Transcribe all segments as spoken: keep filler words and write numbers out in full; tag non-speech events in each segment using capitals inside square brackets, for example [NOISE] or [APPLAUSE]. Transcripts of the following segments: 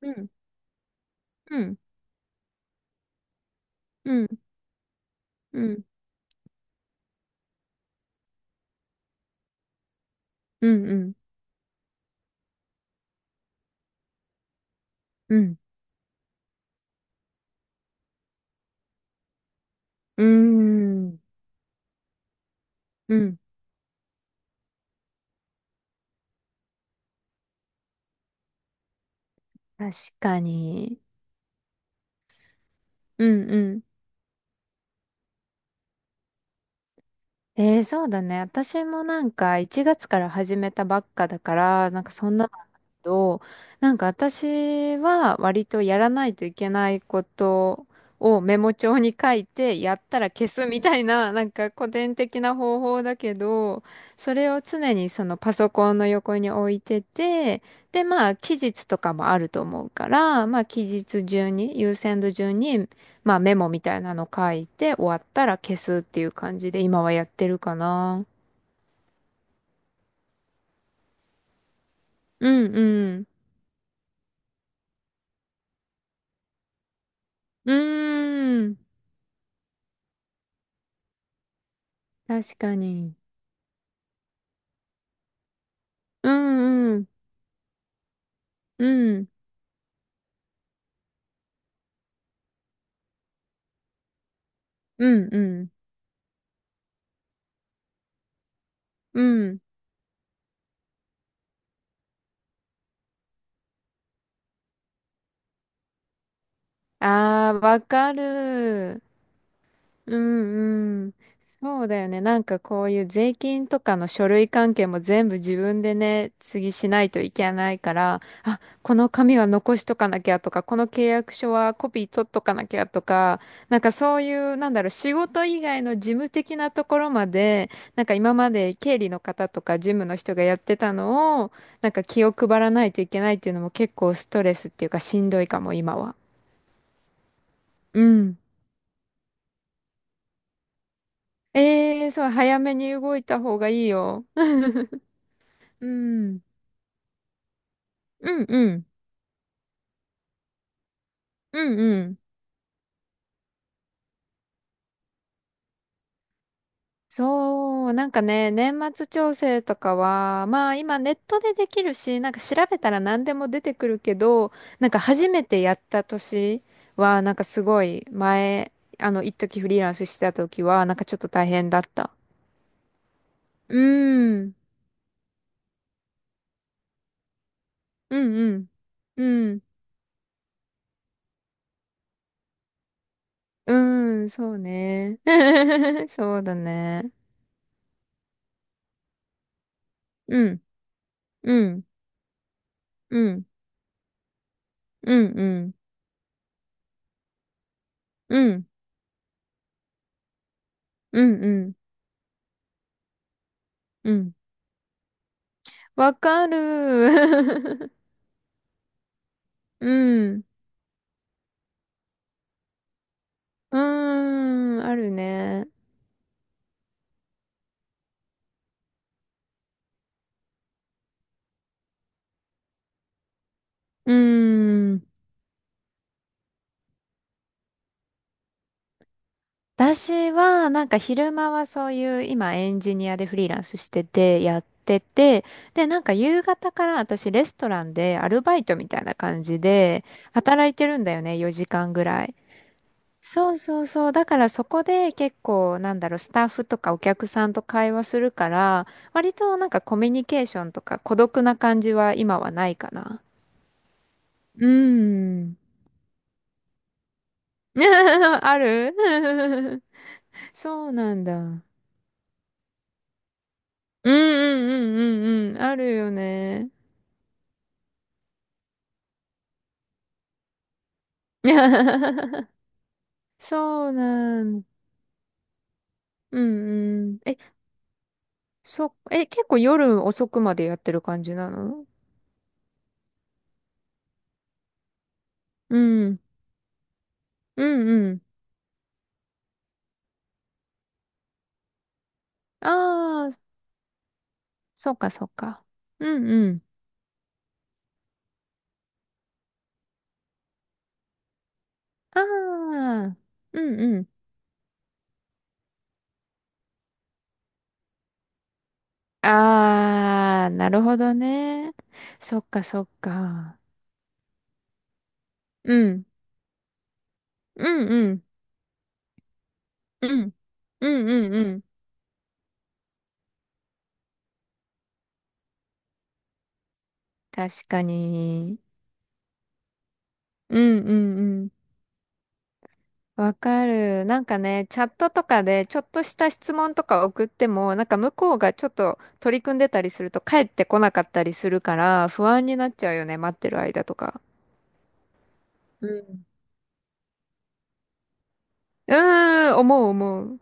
うん、うん、うん、うん、うん、うん、うん、うん、うん確かに。うん、うん、えー、そうだね。私もなんかいちがつから始めたばっかだから、なんかそんなのだけど、なんか私は割とやらないといけないことをメモ帳に書いて、やったら消すみたいな、なんか古典的な方法だけど、それを常にそのパソコンの横に置いてて、で、まあ期日とかもあると思うから、まあ期日順に、優先度順にまあメモみたいなの書いて終わったら消すっていう感じで今はやってるかな。うんうん。うーん。確かに。うんうん。うん。うんうん。うん。ああ、わかる。うんうん。そうだよね。なんかこういう税金とかの書類関係も全部自分でね、次しないといけないから、あ、この紙は残しとかなきゃとか、この契約書はコピー取っとかなきゃとか、なんかそういう、なんだろう、仕事以外の事務的なところまで、なんか今まで経理の方とか事務の人がやってたのを、なんか気を配らないといけないっていうのも結構ストレスっていうかしんどいかも、今は。うん。ええー、そう、早めに動いた方がいいよ。うん、うんうん、うんうん。そう、なんかね、年末調整とかは、まあ今ネットでできるし、なんか調べたら何でも出てくるけど、なんか初めてやった年は、なんかすごい前、あの、一時フリーランスしてた時は、なんかちょっと大変だった。うーん、うんうん、うん、うーん、そうね。[LAUGHS] そうだね。うん、うん、うん、うん、うん、うん、うん、うん、うんわかる。[LAUGHS] うん。うーん。あるね。うーん。私は、なんか昼間はそういう、今エンジニアでフリーランスしてて、やってて、で、なんか夕方から私レストランでアルバイトみたいな感じで、働いてるんだよね、よじかんぐらい。そうそうそう。だからそこで結構、なんだろう、スタッフとかお客さんと会話するから、割となんかコミュニケーションとか孤独な感じは今はないかな。うーん。[LAUGHS] ある。 [LAUGHS] そうなんだ。うんうんうんうんうん。あるよね。[LAUGHS] そうなん。うんうん。え、そ、え、結構夜遅くまでやってる感じなの？うん。うんうん。ああ、そっかそっか。うんうん。ああ、うんうん。ああ、なるほどね。そっかそっか。うん。うんうん。うんうんうん。確かに。うんうんうん。わかる。なんかね、チャットとかでちょっとした質問とか送っても、なんか向こうがちょっと取り組んでたりすると帰ってこなかったりするから不安になっちゃうよね、待ってる間とか。うん。うーん、思う思う。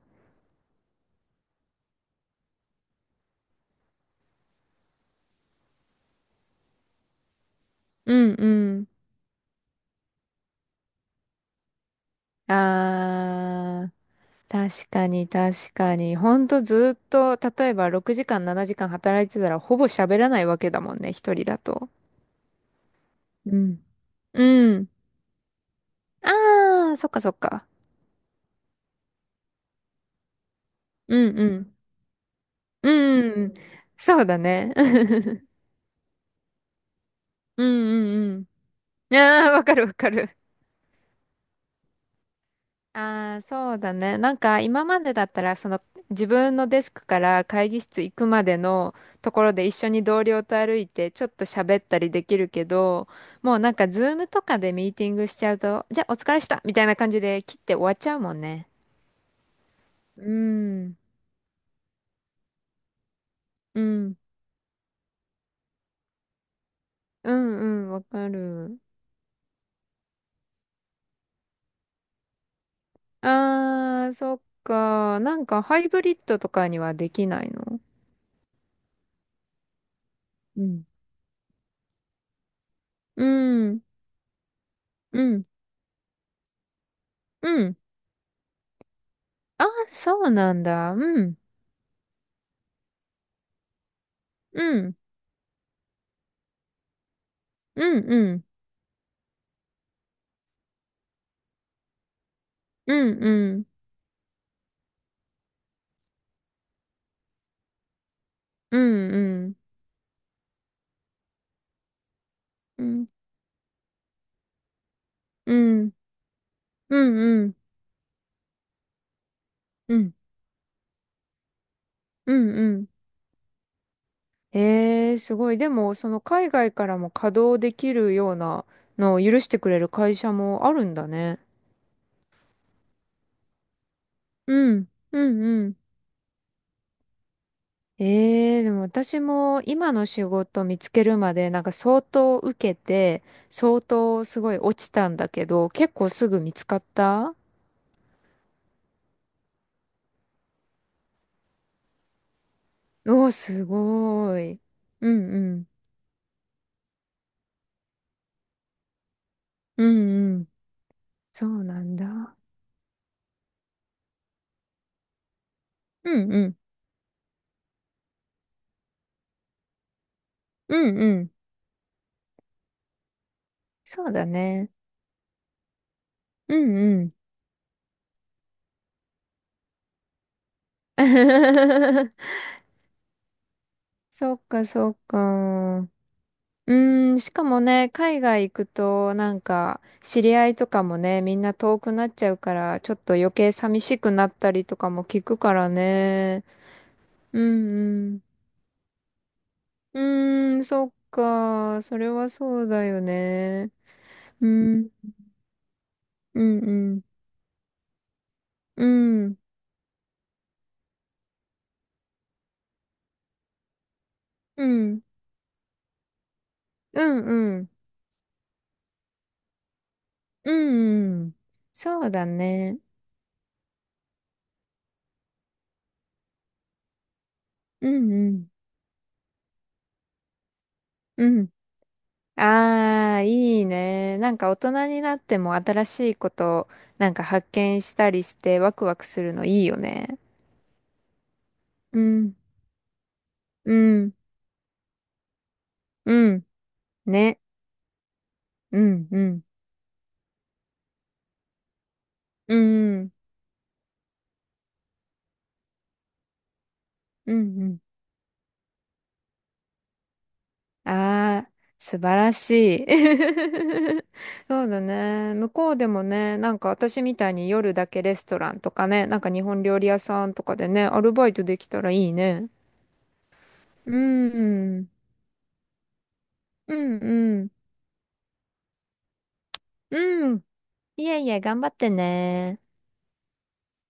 うんうん。あー。確かに確かに。ほんとずっと、例えばろくじかんななじかん働いてたらほぼ喋らないわけだもんね、一人だと。うん。うん。ああ、そっかそっか。うんうん。うん。そうだね。[LAUGHS] うんうんうん。ああ、わかるわかる。ああ、そうだね。なんか今までだったら、その自分のデスクから会議室行くまでのところで一緒に同僚と歩いてちょっと喋ったりできるけど、もうなんかズームとかでミーティングしちゃうと、じゃあお疲れしたみたいな感じで切って終わっちゃうもんね。うん。うん。うんうん、わかる。あー、そっか。なんかハイブリッドとかにはできないの？うん。うん、うん、うん。あ、そうなんだ。うん、うん、うん、うん、うん、うん、うん、うん、うん、うん、うん、うん、うん、うんえー、すごい。でも、その海外からも稼働できるようなのを許してくれる会社もあるんだね。うん、うん、うん。ええでも私も今の仕事見つけるまでなんか相当受けて、相当すごい落ちたんだけど、結構すぐ見つかった？おー、すごーい。うんうん。うんうん。そうなんだ。うんうん。うんうん。そうだね。うんうん。[LAUGHS] そっかそっか。うーん、しかもね、海外行くと、なんか、知り合いとかもね、みんな遠くなっちゃうから、ちょっと余計寂しくなったりとかも聞くからね。うんうん。うーん、そっか。それはそうだよね。うん、うん、うん、うん、うん、うん、うん、うん、うんそうだね。うん、うん、うん。ああ、いいね。なんか大人になっても新しいことなんか発見したりしてワクワクするのいいよね。うん、うん、ねうん、ね。うん、うん、うん、うん、うん。ああ、素晴らしい。[LAUGHS] そうだね。向こうでもね、なんか私みたいに夜だけレストランとかね、なんか日本料理屋さんとかでね、アルバイトできたらいいね。うん、うん、うん、うん。いえいえ、頑張ってね。